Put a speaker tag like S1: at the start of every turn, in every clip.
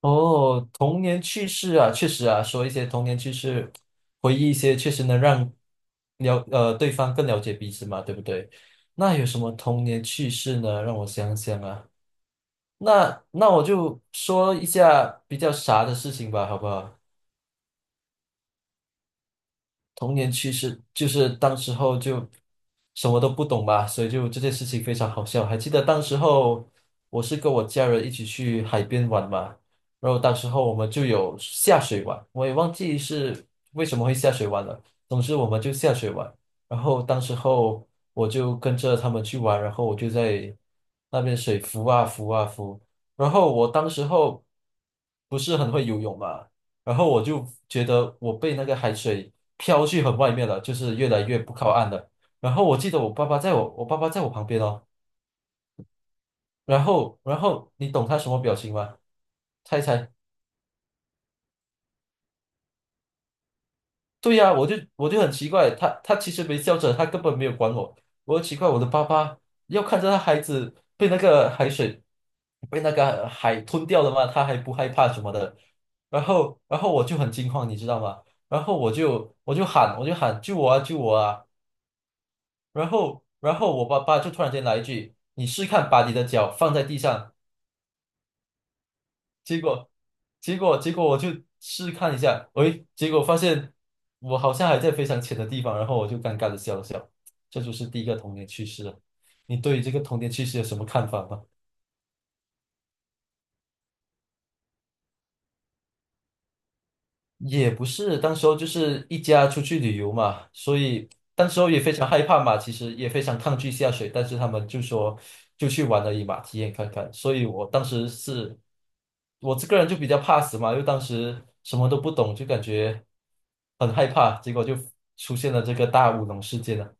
S1: 哦，童年趣事啊，确实啊，说一些童年趣事，回忆一些，确实能让对方更了解彼此嘛，对不对？那有什么童年趣事呢？让我想想啊，那我就说一下比较傻的事情吧，好不好？童年趣事就是当时候就什么都不懂吧，所以就这件事情非常好笑。还记得当时候我是跟我家人一起去海边玩嘛，然后当时候我们就有下水玩，我也忘记是为什么会下水玩了。总之我们就下水玩，然后当时候我就跟着他们去玩，然后我就在那边水浮啊浮啊浮，然后我当时候不是很会游泳嘛。然后我就觉得我被那个海水飘去很外面了，就是越来越不靠岸了。然后我记得我爸爸在我旁边哦，然后你懂他什么表情吗？猜一猜。对呀、我就很奇怪，他其实没笑着，他根本没有管我。我奇怪，我的爸爸要看着他孩子被那个海吞掉了吗？他还不害怕什么的。然后我就很惊慌，你知道吗？然后我就喊救我啊救我啊！然后我爸爸就突然间来一句："你试看把你的脚放在地上。"结果，结果我就试看一下，喂，结果发现我好像还在非常浅的地方，然后我就尴尬的笑了笑。这就是第一个童年趣事了。你对于这个童年趣事有什么看法吗？也不是，当时候就是一家出去旅游嘛，所以当时候也非常害怕嘛，其实也非常抗拒下水，但是他们就说就去玩而已嘛，体验看看。所以我当时是，我这个人就比较怕死嘛，因为当时什么都不懂，就感觉很害怕，结果就出现了这个大乌龙事件了。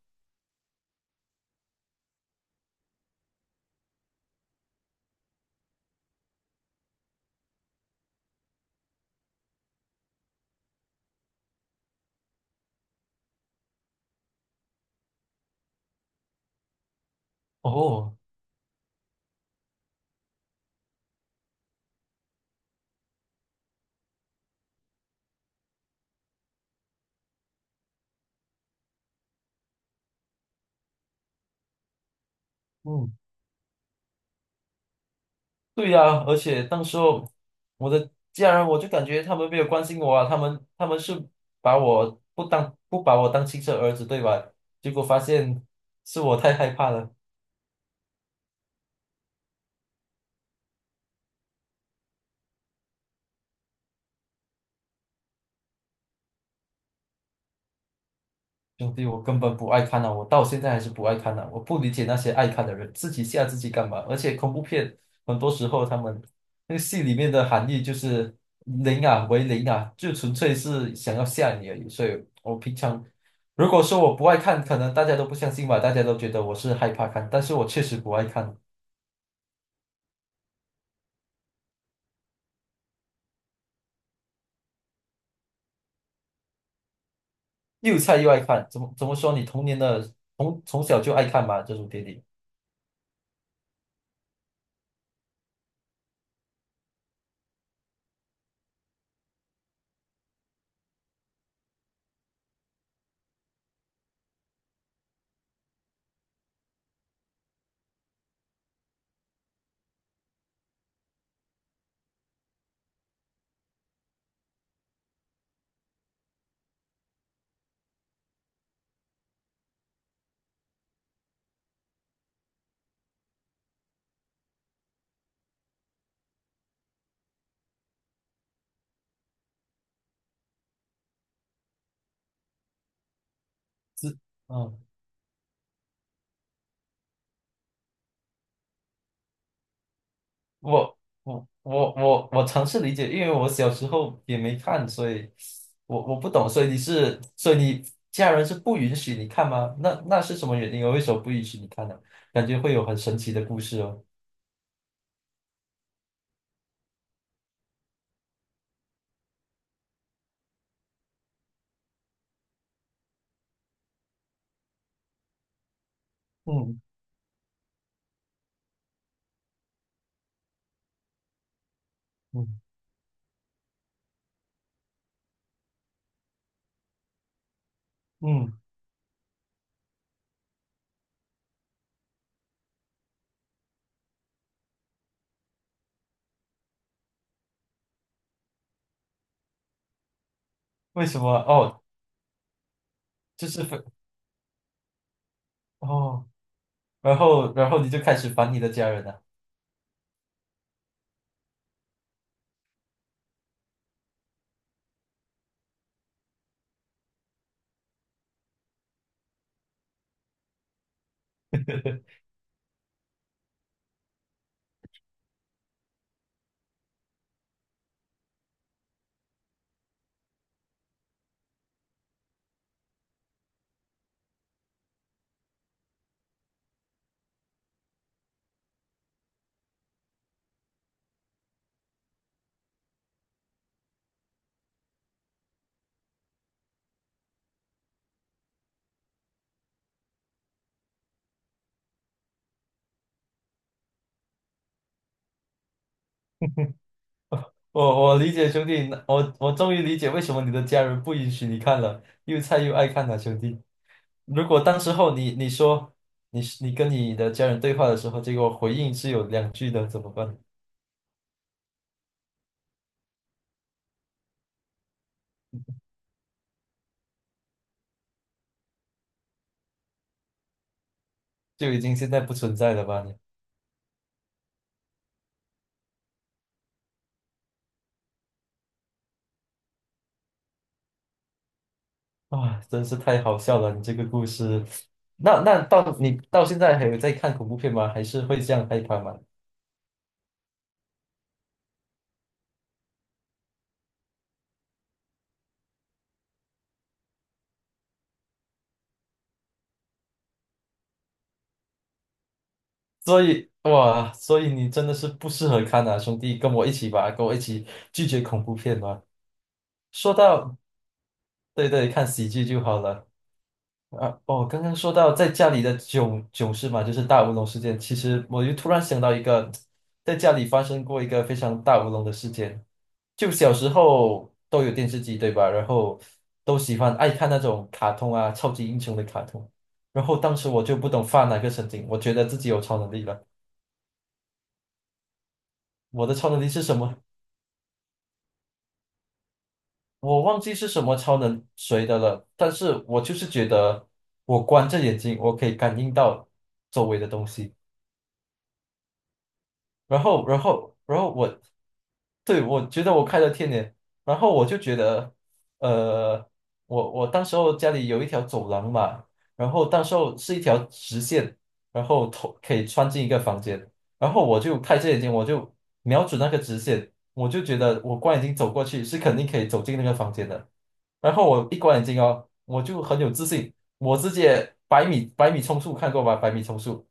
S1: 哦，嗯。对呀，而且当时候我的家人，我就感觉他们没有关心我啊，他们是把我不当不把我当亲生儿子，对吧？结果发现是我太害怕了。兄弟，我根本不爱看呐，我到现在还是不爱看呐。我不理解那些爱看的人，自己吓自己干嘛？而且恐怖片很多时候他们那个戏里面的含义就是零啊为零啊，就纯粹是想要吓你而已。所以我平常如果说我不爱看，可能大家都不相信吧，大家都觉得我是害怕看，但是我确实不爱看，又菜又爱看，怎么说？你童年的从小就爱看嘛，这种电影，嗯。我尝试理解，因为我小时候也没看，所以我不懂，所以你是，所以你家人是不允许你看吗？那是什么原因啊？为什么不允许你看呢？感觉会有很神奇的故事哦。嗯嗯嗯，为什么？哦，就是非哦，然后你就开始烦你的家人了。我我理解兄弟，我我终于理解为什么你的家人不允许你看了，又菜又爱看了兄弟。如果当时候你说你跟你的家人对话的时候，结果回应是有两句的，怎么办？就已经现在不存在了吧你？啊，真是太好笑了，你这个故事。那到你到现在还有在看恐怖片吗？还是会这样害怕吗？所以哇，所以你真的是不适合看啊，兄弟，跟我一起吧，跟我一起拒绝恐怖片吧。说到，对对，看喜剧就好了。啊，哦，刚刚说到在家里的囧囧事嘛，就是大乌龙事件。其实我就突然想到一个，在家里发生过一个非常大乌龙的事件。就小时候都有电视机，对吧？然后都喜欢爱看那种卡通啊，超级英雄的卡通。然后当时我就不懂发哪个神经，我觉得自己有超能力了。我的超能力是什么？我忘记是什么超能谁的了，但是我就是觉得我关着眼睛，我可以感应到周围的东西。然后我，对，我觉得我开了天眼，然后我就觉得，呃，我当时候家里有一条走廊嘛，然后当时候是一条直线，然后头可以穿进一个房间，然后我就开着眼睛，我就瞄准那个直线，我就觉得我光眼睛走过去是肯定可以走进那个房间的，然后我一关眼睛哦，我就很有自信，我直接百米冲刺看过吧，百米冲刺，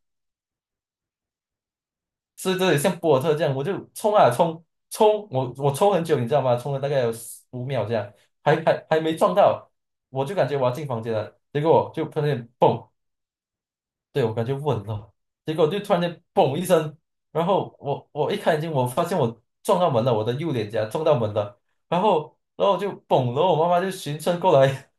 S1: 是这里像博尔特这样，我就冲啊冲，我冲很久，你知道吗？冲了大概有15秒这样，还没撞到，我就感觉我要进房间了，结果我就突然间嘣，对我感觉稳了，结果就突然间嘣一声，然后我一开眼睛，我发现我撞到门了，我的右脸颊撞到门了，然后我就嘣，然后我妈妈就循声过来，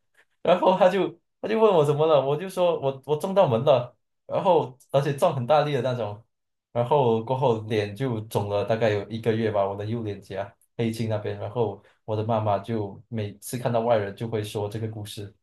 S1: 然后他就问我怎么了，我就说我撞到门了，然后而且撞很大力的那种，然后过后脸就肿了大概有1个月吧，我的右脸颊黑青那边，然后我的妈妈就每次看到外人就会说这个故事。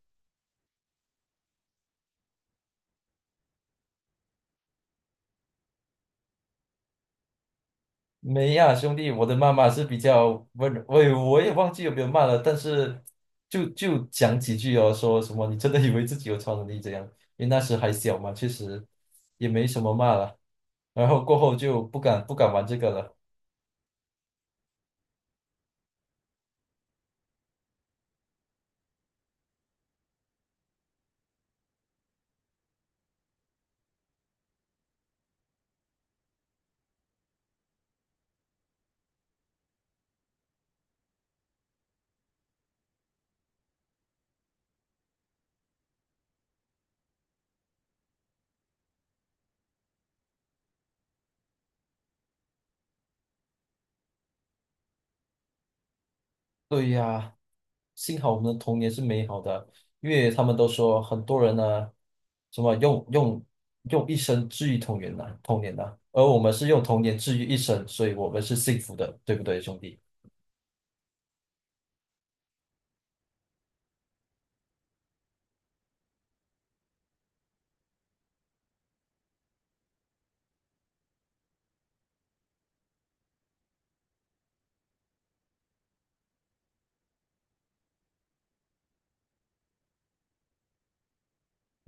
S1: 没呀，兄弟，我的妈妈是比较温柔，我也忘记有没有骂了，但是就讲几句哦，说什么你真的以为自己有超能力这样？因为那时还小嘛，确实也没什么骂了。然后过后就不敢玩这个了。对呀，幸好我们的童年是美好的，因为他们都说很多人呢，什么用一生治愈童年呐，童年呐，而我们是用童年治愈一生，所以我们是幸福的，对不对，兄弟？